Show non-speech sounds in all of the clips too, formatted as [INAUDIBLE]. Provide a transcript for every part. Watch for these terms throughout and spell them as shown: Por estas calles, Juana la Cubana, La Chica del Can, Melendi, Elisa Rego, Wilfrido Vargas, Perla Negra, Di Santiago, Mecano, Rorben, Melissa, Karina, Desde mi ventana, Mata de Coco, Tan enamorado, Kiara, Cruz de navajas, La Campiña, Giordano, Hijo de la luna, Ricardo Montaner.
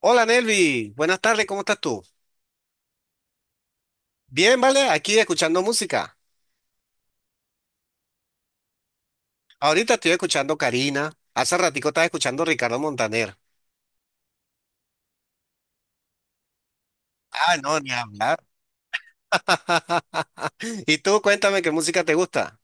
Hola Nelvi, buenas tardes, ¿cómo estás tú? Bien, vale, aquí escuchando música. Ahorita estoy escuchando Karina, hace ratico estaba escuchando Ricardo Montaner. Ah, no, ni hablar. [LAUGHS] ¿Y tú cuéntame qué música te gusta?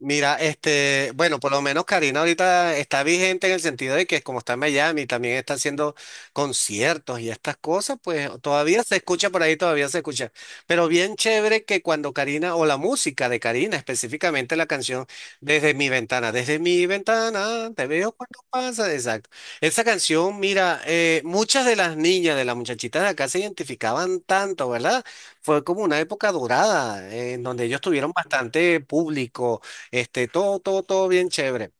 Mira, este, bueno, por lo menos Karina ahorita está vigente en el sentido de que como está en Miami, también está haciendo conciertos y estas cosas, pues todavía se escucha por ahí, todavía se escucha. Pero bien chévere que cuando Karina, o la música de Karina, específicamente la canción desde mi ventana, te veo cuando pasa, exacto. Esa canción, mira, muchas de las niñas, de las muchachitas de acá se identificaban tanto, ¿verdad? Fue como una época dorada, en donde ellos tuvieron bastante público este, todo, todo, todo bien chévere.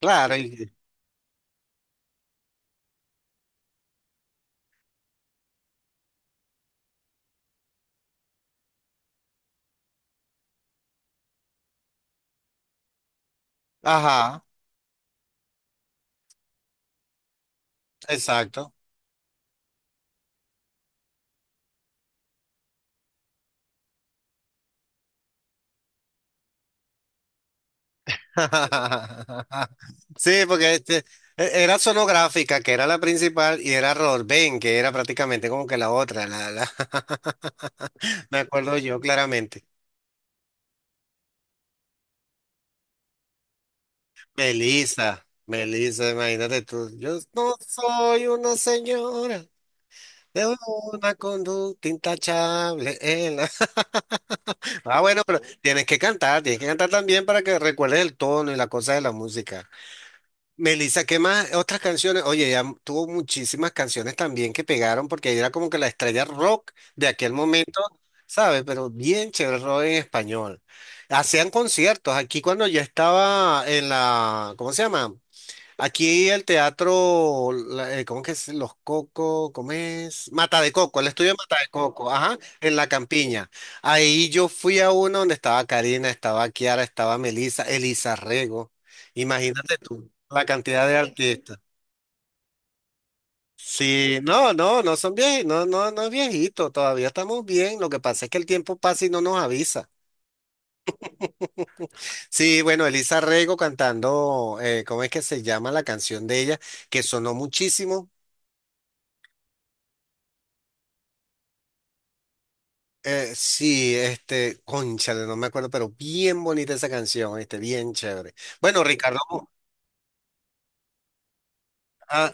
Claro, y- ajá, exacto. [LAUGHS] Sí, porque este, era sonográfica, que era la principal, y era Rorben, que era prácticamente como que la otra. La... [LAUGHS] Me acuerdo yo claramente. Melissa, Melissa, imagínate tú. Yo no soy una señora de una conducta intachable. En la- [LAUGHS] Ah, bueno, pero tienes que cantar también para que recuerdes el tono y la cosa de la música. Melissa, ¿qué más? Otras canciones. Oye, ella tuvo muchísimas canciones también que pegaron porque ella era como que la estrella rock de aquel momento, ¿sabes? Pero bien chévere el rock en español. Hacían conciertos. Aquí cuando ya estaba en la, ¿cómo se llama? Aquí el teatro, la- ¿cómo que es? Los Cocos, ¿cómo es? Mata de Coco, el estudio de Mata de Coco, ajá, en La Campiña. Ahí yo fui a uno donde estaba Karina, estaba Kiara, estaba Melissa, Elisa Rego. Imagínate tú, la cantidad de artistas. Sí, no, no, no son viejitos, no, no, no es viejito, todavía estamos bien. Lo que pasa es que el tiempo pasa y no nos avisa. Sí, bueno, Elisa Rego cantando, ¿cómo es que se llama la canción de ella? Que sonó muchísimo. Sí, este, cónchale, no me acuerdo, pero bien bonita esa canción, este, bien chévere. Bueno, Ricardo, ah,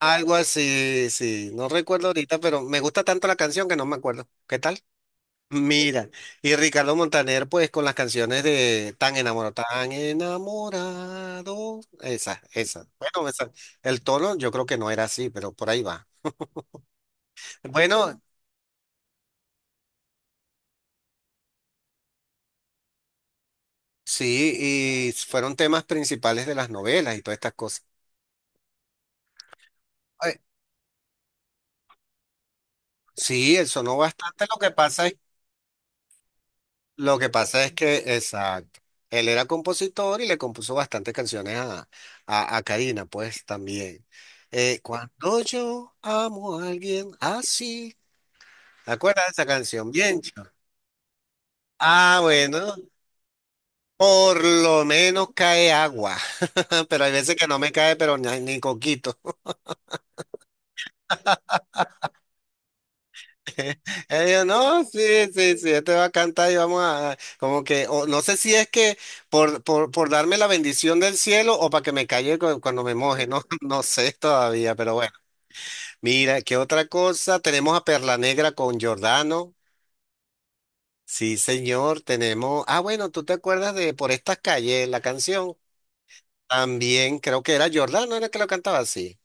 algo así, sí, no recuerdo ahorita, pero me gusta tanto la canción que no me acuerdo. ¿Qué tal? Mira, y Ricardo Montaner, pues con las canciones de tan enamorado, esa, esa. Bueno, esa, el tono yo creo que no era así, pero por ahí va. Bueno, sí, y fueron temas principales de las novelas y todas estas cosas. Sí, él sonó bastante. Lo que pasa es, lo que pasa es que, exacto, él era compositor y le compuso bastantes canciones a, a Karina, pues también. Cuando yo amo a alguien así, ¿te acuerdas de esa canción? Bien. Chamo. Ah, bueno, por lo menos cae agua, [LAUGHS] pero hay veces que no me cae, pero ni coquito. [LAUGHS] Ellos, no, sí, sí, sí, este va a cantar y vamos a, como que, o no sé si es que por darme la bendición del cielo o para que me calle cuando me moje, no, [LAUGHS] no sé todavía, pero bueno. Mira, ¿qué otra cosa? Tenemos a Perla Negra con Giordano. Sí, señor, tenemos, ah, bueno, ¿tú te acuerdas de Por estas calles, la canción? También creo que era Giordano, era que lo cantaba así.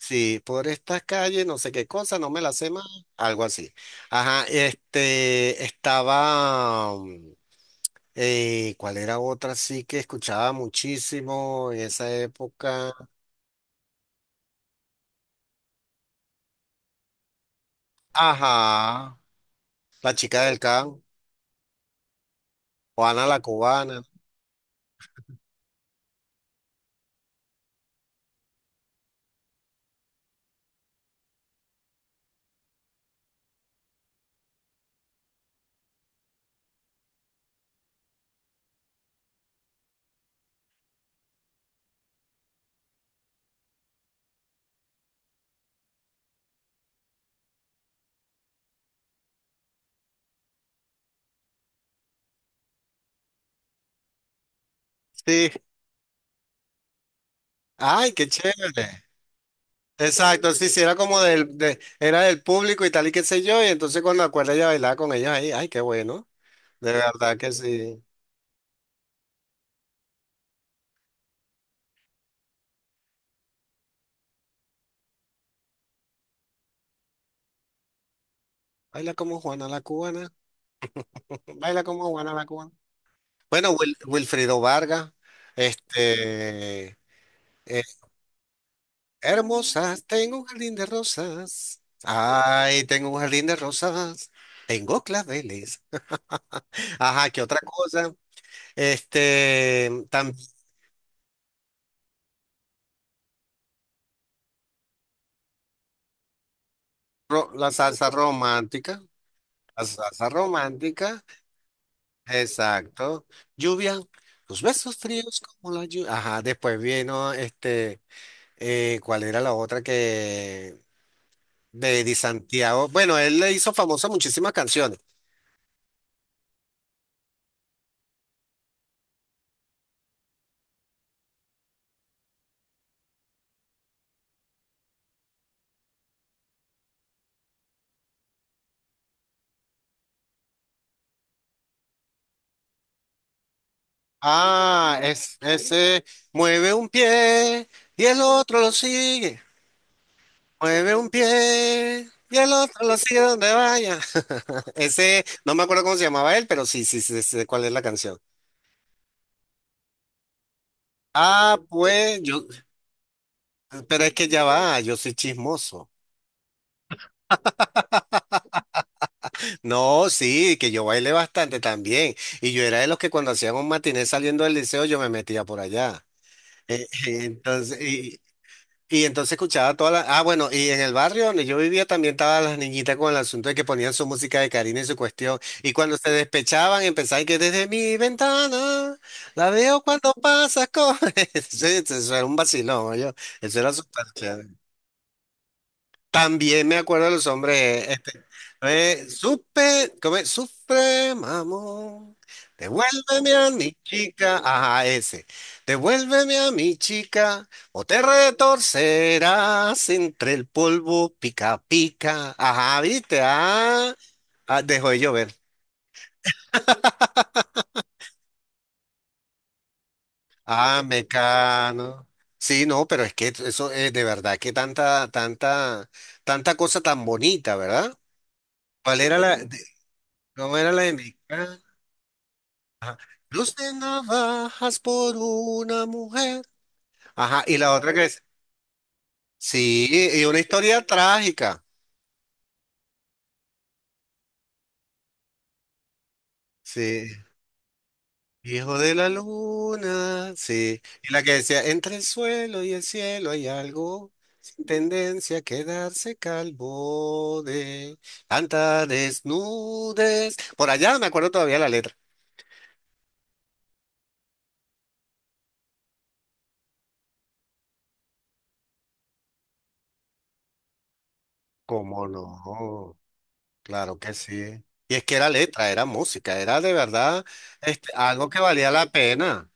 Sí, por estas calles, no sé qué cosa, no me la sé más, algo así. Ajá, este, estaba, ¿cuál era otra sí que escuchaba muchísimo en esa época? Ajá, La Chica del Can, Juana la Cubana. Sí, ay, qué chévere. Exacto, sí, sí, era como del, de- era del público y tal y qué sé yo, y entonces cuando acuerda ella bailaba con ellos ahí, ay, qué bueno, de verdad que sí. Baila como Juana la Cubana, [LAUGHS] baila como Juana la Cubana. Bueno, Wil- Wilfrido Vargas, este, eh, hermosas, tengo un jardín de rosas. Ay, tengo un jardín de rosas. Tengo claveles. [LAUGHS] Ajá, ¿qué otra cosa? Este, también la salsa romántica. La salsa romántica, exacto. Lluvia, tus besos fríos como la lluvia. Ajá, después vino este, ¿cuál era la otra que de Di Santiago? Bueno, él le hizo famosa muchísimas canciones. Ah, es, ese mueve un pie y el otro lo sigue. Mueve un pie y el otro lo sigue donde vaya. [LAUGHS] Ese, no me acuerdo cómo se llamaba él, pero sí, sí, sí, sé cuál es la canción. Ah, pues yo, pero es que ya va, yo soy chismoso. No, sí, que yo bailé bastante también. Y yo era de los que cuando hacían un matiné saliendo del liceo, yo me metía por allá. [LAUGHS] Entonces, y entonces escuchaba todas las... Ah, bueno, y en el barrio donde yo vivía también estaban las niñitas con el asunto de que ponían su música de Karina y su cuestión. Y cuando se despechaban empezaban que desde mi ventana la veo cuando pasas con... [LAUGHS] Eso era un vacilón, yo. Eso era súper chévere. También me acuerdo de los hombres, este, supe, ¿cómo es? Sufre, mamón, devuélveme a mi chica, ajá, ese, devuélveme a mi chica, o te retorcerás entre el polvo pica pica, ajá, viste, ah, ah, dejó de llover, ah, mecano, sí, no, pero es que eso es de verdad, que tanta, tanta, tanta cosa tan bonita, ¿verdad? ¿Cuál era la, de- cómo era la de mecano? Ajá. Cruz de navajas por una mujer. Ajá, y la otra que es. Sí, y una historia trágica. Sí. Hijo de la luna. Sí. Y la que decía, entre el suelo y el cielo hay algo. Sin tendencia a quedarse calvo de tanta desnudez. Por allá me acuerdo todavía la letra. ¿Cómo no? Claro que sí. Y es que era letra, era música, era de verdad este, algo que valía la pena.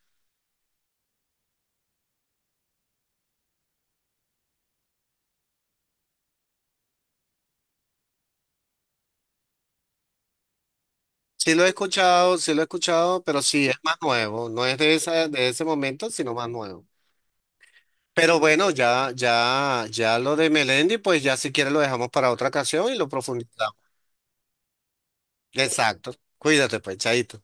Sí lo he escuchado, sí lo he escuchado, pero sí es más nuevo, no es de esa, de ese momento, sino más nuevo. Pero bueno, ya, ya, ya lo de Melendi, pues ya si quieres lo dejamos para otra ocasión y lo profundizamos. Exacto. Cuídate, pues, chaito.